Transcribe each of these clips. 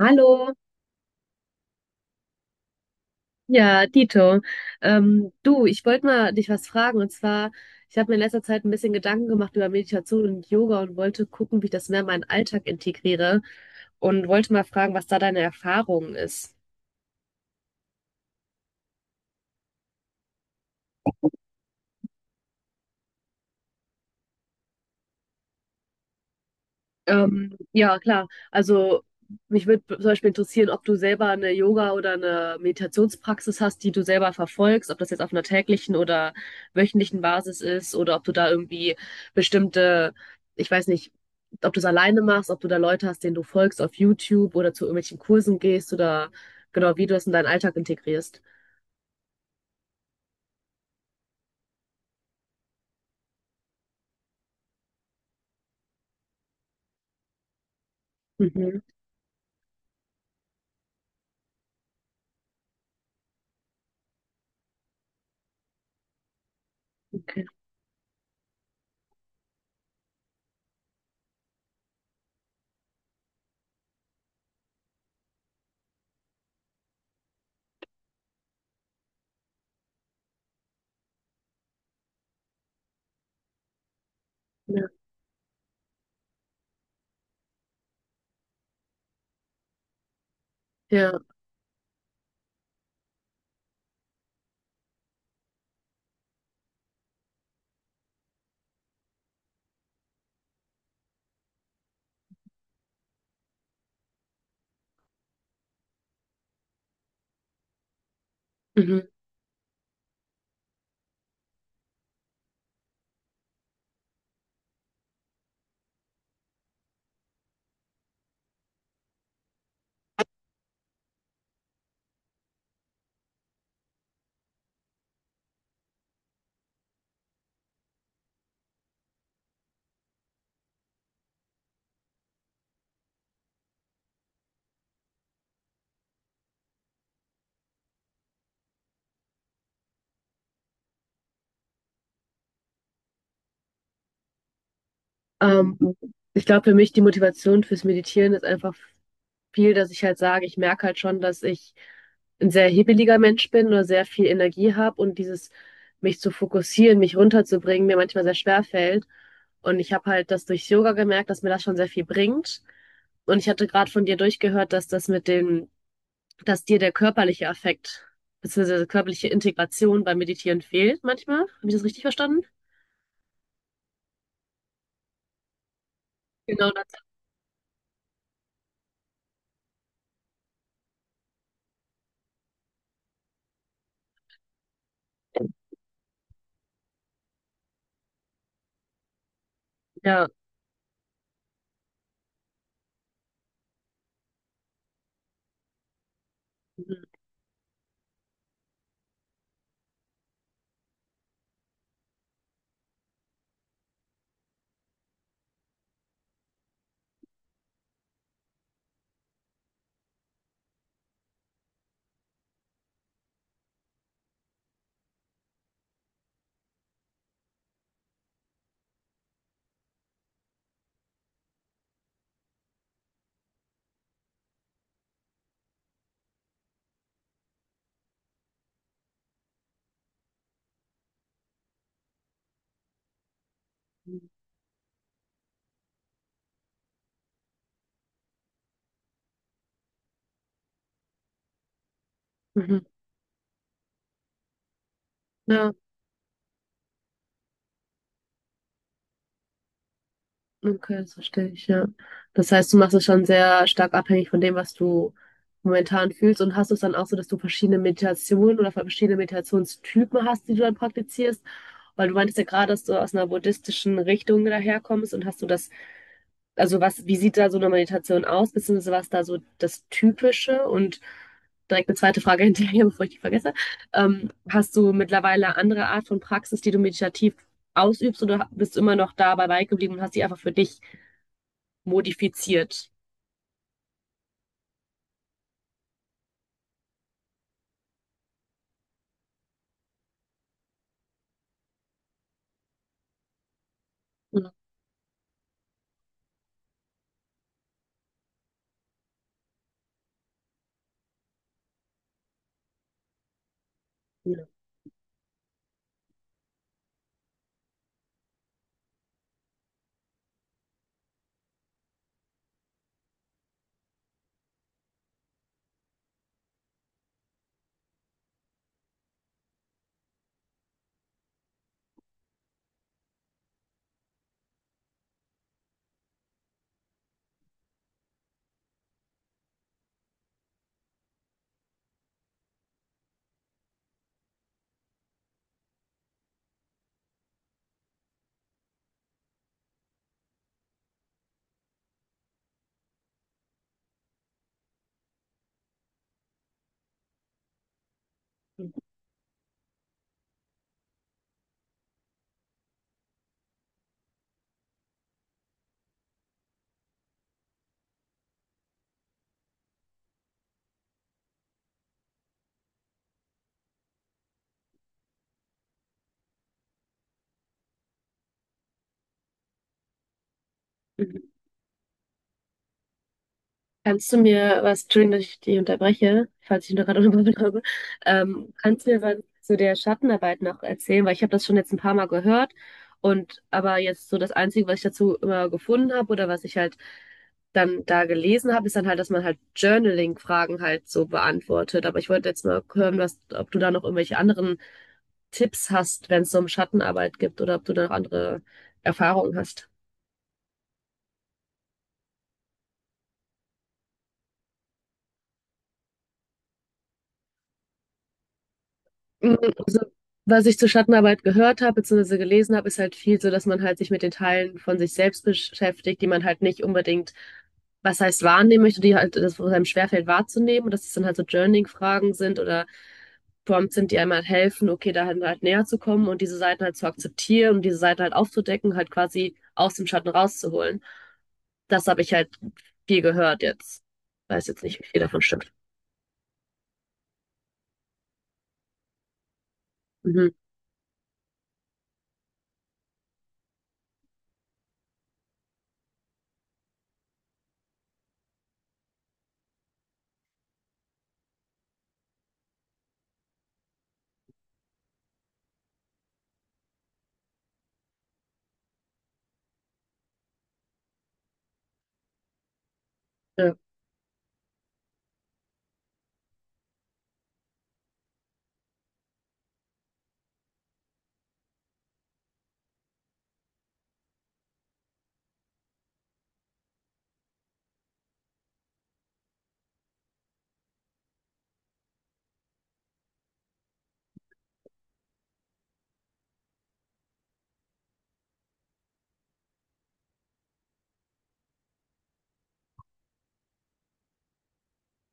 Hallo, ja, dito. Du, ich wollte mal dich was fragen. Und zwar, ich habe mir in letzter Zeit ein bisschen Gedanken gemacht über Meditation und Yoga und wollte gucken, wie ich das mehr in meinen Alltag integriere und wollte mal fragen, was da deine Erfahrung ist. Ja, klar. Also mich würde zum Beispiel interessieren, ob du selber eine Yoga- oder eine Meditationspraxis hast, die du selber verfolgst, ob das jetzt auf einer täglichen oder wöchentlichen Basis ist oder ob du da irgendwie bestimmte, ich weiß nicht, ob du es alleine machst, ob du da Leute hast, denen du folgst auf YouTube oder zu irgendwelchen Kursen gehst oder genau, wie du das in deinen Alltag integrierst. Mhm, okay. Ja. Ja, mhm. Ähm, Ich glaube, für mich die Motivation fürs Meditieren ist einfach viel, dass ich halt sage, ich merke halt schon, dass ich ein sehr hibbeliger Mensch bin oder sehr viel Energie habe und dieses mich zu fokussieren, mich runterzubringen, mir manchmal sehr schwer fällt. Und ich habe halt das durch Yoga gemerkt, dass mir das schon sehr viel bringt. Und ich hatte gerade von dir durchgehört, dass das mit dem, dass dir der körperliche Affekt beziehungsweise körperliche Integration beim Meditieren fehlt manchmal. Habe ich das richtig verstanden? Genau das, ja. Mhm. Mhm. Ja. Okay, das verstehe ich, ja. Das heißt, du machst es schon sehr stark abhängig von dem, was du momentan fühlst und hast es dann auch so, dass du verschiedene Meditationen oder verschiedene Meditationstypen hast, die du dann praktizierst. Weil du meintest ja gerade, dass du aus einer buddhistischen Richtung daherkommst und hast du das, also was, wie sieht da so eine Meditation aus, beziehungsweise was da so das Typische und direkt eine zweite Frage hinterher, bevor ich die vergesse. Hast du mittlerweile andere Art von Praxis, die du meditativ ausübst oder bist du immer noch dabei beigeblieben und hast die einfach für dich modifiziert. Ja, ja. Mhm. Kannst du mir was, Entschuldigung, dass ich dich unterbreche, falls ich noch gerade unterbrochen habe, kannst du mir was zu der Schattenarbeit noch erzählen? Weil ich habe das schon jetzt ein paar Mal gehört und aber jetzt so das Einzige, was ich dazu immer gefunden habe oder was ich halt dann da gelesen habe, ist dann halt, dass man halt Journaling-Fragen halt so beantwortet. Aber ich wollte jetzt mal hören, was, ob du da noch irgendwelche anderen Tipps hast, wenn es so um Schattenarbeit gibt oder ob du da noch andere Erfahrungen hast. Mm, also, was ich zur Schattenarbeit gehört habe, beziehungsweise gelesen habe, ist halt viel so, dass man halt sich mit den Teilen von sich selbst beschäftigt, die man halt nicht unbedingt, was heißt wahrnehmen möchte, die halt, das wo es einem schwerfällt wahrzunehmen und dass es dann halt so Journaling-Fragen sind oder Prompts sind, die einem halt helfen, okay, da halt näher zu kommen und diese Seiten halt zu akzeptieren und diese Seiten halt aufzudecken, halt quasi aus dem Schatten rauszuholen. Das habe ich halt viel gehört jetzt. Weiß jetzt nicht, wie viel davon stimmt. Mhm. Ja,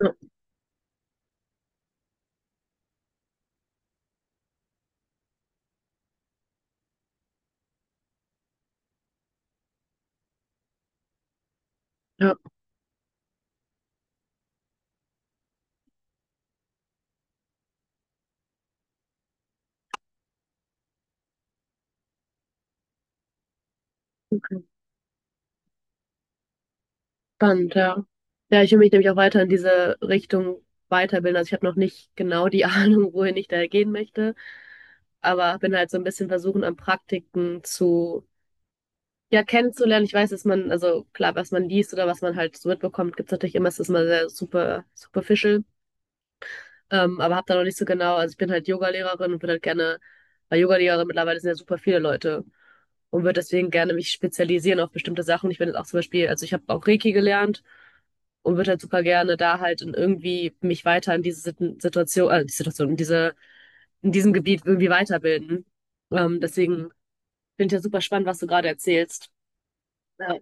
ja, ja. Spannend, ja. Ja, ich will mich nämlich auch weiter in diese Richtung weiterbilden. Also ich habe noch nicht genau die Ahnung, wohin ich da gehen möchte, aber bin halt so ein bisschen versuchen, an Praktiken zu, ja, kennenzulernen. Ich weiß, dass man, also klar, was man liest oder was man halt so mitbekommt, gibt es natürlich immer, es ist immer sehr super, superficial. Aber habe da noch nicht so genau, also ich bin halt Yogalehrerin und würde halt gerne, weil Yogalehrerin mittlerweile sind ja super viele Leute und würde deswegen gerne mich spezialisieren auf bestimmte Sachen. Ich bin jetzt auch zum Beispiel, also ich habe auch Reiki gelernt und würde halt super gerne da halt in irgendwie mich weiter in diese Situation, die Situation, in diese, in diesem Gebiet irgendwie weiterbilden. Deswegen finde ich ja super spannend, was du gerade erzählst. Ja,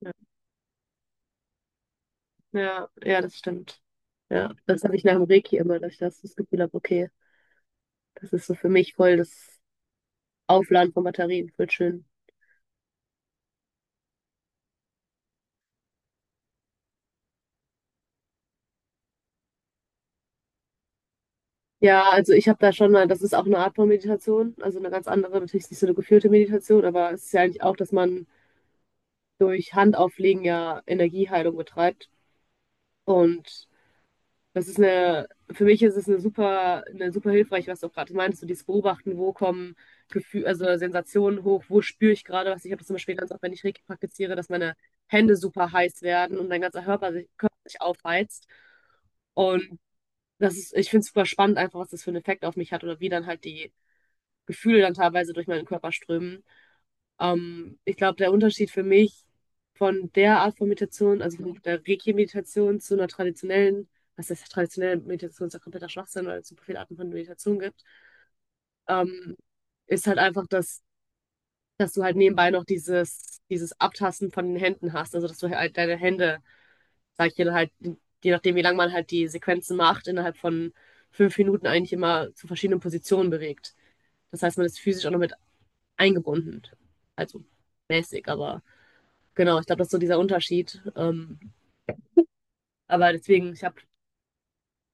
ja, ja, ja, das stimmt. Ja, das habe ich nach dem Reiki immer, dass ich das, das Gefühl habe, okay, das ist so für mich voll das Aufladen von Batterien, voll schön. Ja, also ich habe da schon mal, das ist auch eine Art von Meditation, also eine ganz andere, natürlich nicht so eine geführte Meditation, aber es ist ja eigentlich auch, dass man durch Handauflegen ja Energieheilung betreibt. Und das ist eine, für mich ist es eine super hilfreich, was du auch gerade meinst, so dieses Beobachten, wo kommen Gefühl, also Sensationen hoch, wo spüre ich gerade was. Ich habe das zum Beispiel ganz oft, wenn ich Reiki praktiziere, dass meine Hände super heiß werden und mein ganzer Körper sich aufheizt. Und das ist, ich finde es super spannend, einfach was das für einen Effekt auf mich hat oder wie dann halt die Gefühle dann teilweise durch meinen Körper strömen. Ich glaube, der Unterschied für mich von der Art von Meditation, also von der Reiki-Meditation zu einer traditionellen, was heißt traditionelle Meditation, ist ja kompletter Schwachsinn, weil es super viele Arten von Meditation gibt, ähm, ist halt einfach, dass, dass du halt nebenbei noch dieses Abtasten von den Händen hast, also dass du halt deine Hände sag ich dir halt, je nachdem, wie lange man halt die Sequenzen macht, innerhalb von 5 Minuten eigentlich immer zu verschiedenen Positionen bewegt. Das heißt, man ist physisch auch noch mit eingebunden. Also mäßig, aber genau, ich glaube, das ist so dieser Unterschied. Aber deswegen, ich habe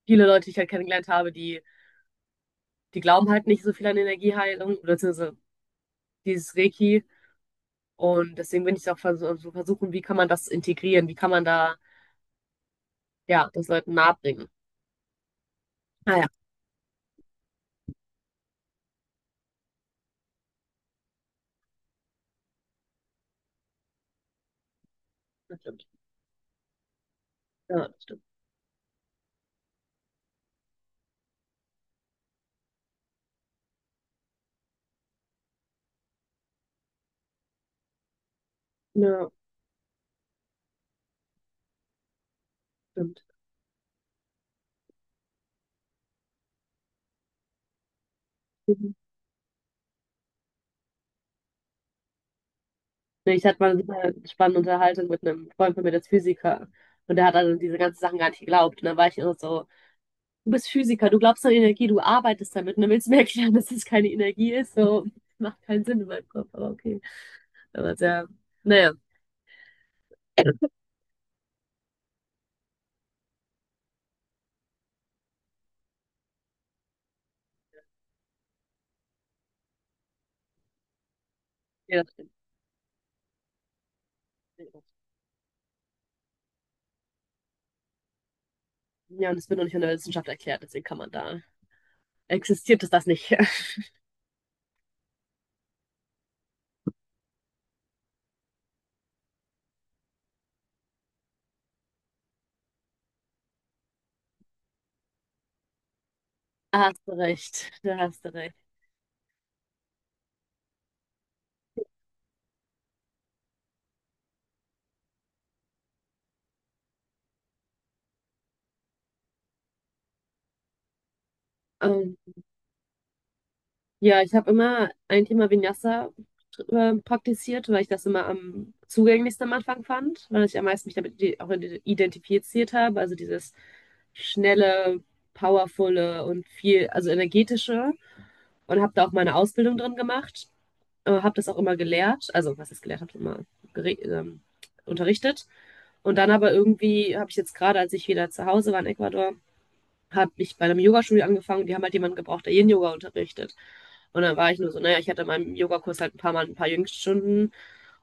viele Leute, die ich halt kennengelernt habe, die glauben halt nicht so viel an Energieheilung, beziehungsweise dieses Reiki. Und deswegen bin ich auch vers so versuchen, wie kann man das integrieren, wie kann man da, ja, das Leuten nahebringen. Ah ja, das stimmt. Ja, das stimmt. Ja, stimmt. Ne, ich hatte mal eine super spannende Unterhaltung mit einem Freund von mir, der ist Physiker. Und der hat an diese ganzen Sachen gar nicht geglaubt. Und dann war ich immer so, du bist Physiker, du glaubst an Energie, du arbeitest damit. Und dann willst du mir erklären, dass das keine Energie ist. So, macht keinen Sinn in meinem Kopf, aber okay. Aber sehr, naja. Ja, das stimmt. Ja, und es wird noch nicht von der Wissenschaft erklärt, deswegen kann man da. Existiert es das nicht? Da hast du recht, da hast du recht. Ähm, Ja, ich habe immer ein Thema Vinyasa praktiziert, weil ich das immer am zugänglichsten am Anfang fand, weil ich am meisten mich damit auch identifiziert habe. Also dieses schnelle, powervolle und viel, also energetische. Und habe da auch meine Ausbildung drin gemacht. Habe das auch immer gelehrt. Also, was ich gelehrt habe, immer gere- ähm, unterrichtet. Und dann aber irgendwie habe ich jetzt gerade, als ich wieder zu Hause war in Ecuador, habe ich bei einem Yogastudio angefangen und die haben halt jemanden gebraucht, der Yin-Yoga unterrichtet. Und dann war ich nur so, naja, ich hatte in meinem Yogakurs halt ein paar Mal ein paar Jüngststunden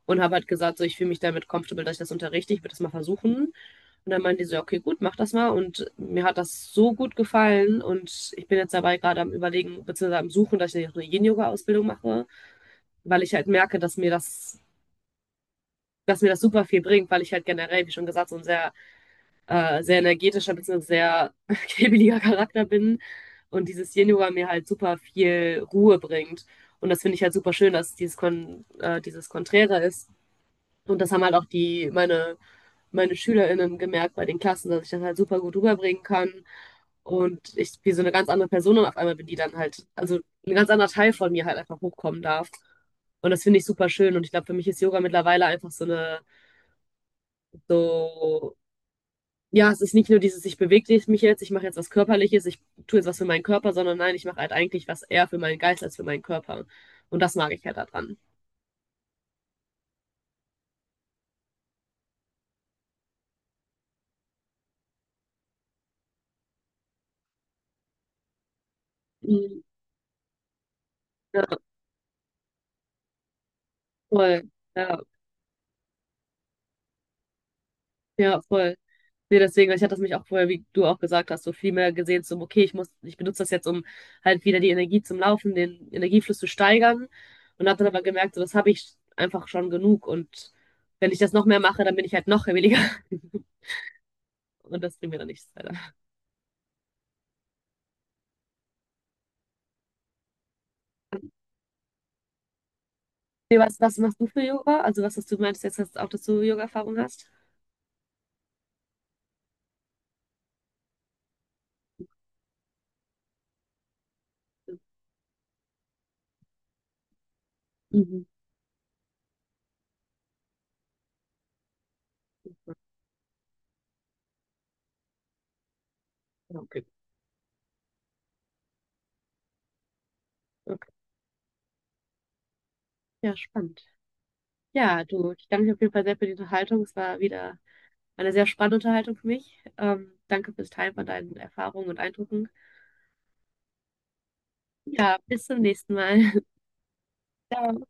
und habe halt gesagt, so, ich fühle mich damit comfortable, dass ich das unterrichte, ich würde das mal versuchen. Und dann meinte die so, ja, okay, gut, mach das mal. Und mir hat das so gut gefallen und ich bin jetzt dabei gerade am Überlegen, beziehungsweise am Suchen, dass ich eine Yin-Yoga-Ausbildung mache, weil ich halt merke, dass mir das super viel bringt, weil ich halt generell, wie schon gesagt, so ein sehr sehr energetischer bzw. sehr kribbeliger Charakter bin und dieses Yin-Yoga mir halt super viel Ruhe bringt. Und das finde ich halt super schön, dass dieses, Kon dieses Konträre ist. Und das haben halt auch meine, meine SchülerInnen gemerkt bei den Klassen, dass ich das halt super gut rüberbringen kann. Und ich wie so eine ganz andere Person auf einmal bin, die dann halt, also ein ganz anderer Teil von mir halt einfach hochkommen darf. Und das finde ich super schön. Und ich glaube, für mich ist Yoga mittlerweile einfach so eine, so ja, es ist nicht nur dieses, ich bewege mich jetzt, ich mache jetzt was Körperliches, ich tue jetzt was für meinen Körper, sondern nein, ich mache halt eigentlich was eher für meinen Geist als für meinen Körper. Und das mag ich halt daran. Mhm. Ja, voll. Ja, ja, voll. Nee, deswegen, ich hatte das mich auch vorher, wie du auch gesagt hast, so viel mehr gesehen, so, okay, ich muss, ich benutze das jetzt, um halt wieder die Energie zum Laufen, den Energiefluss zu steigern. Und habe dann aber gemerkt, so, das habe ich einfach schon genug. Und wenn ich das noch mehr mache, dann bin ich halt noch williger. Und das bringt mir dann nichts, leider. Nee, was, was machst du für Yoga? Also was hast du meinst jetzt hast auch, dass du Yoga-Erfahrung hast? Mhm. Ja, okay. Okay. Ja, spannend. Ja, du, ich danke dir auf jeden Fall sehr für die Unterhaltung. Es war wieder eine sehr spannende Unterhaltung für mich. Danke fürs Teilen von deinen Erfahrungen und Eindrücken. Ja, bis zum nächsten Mal. Ciao.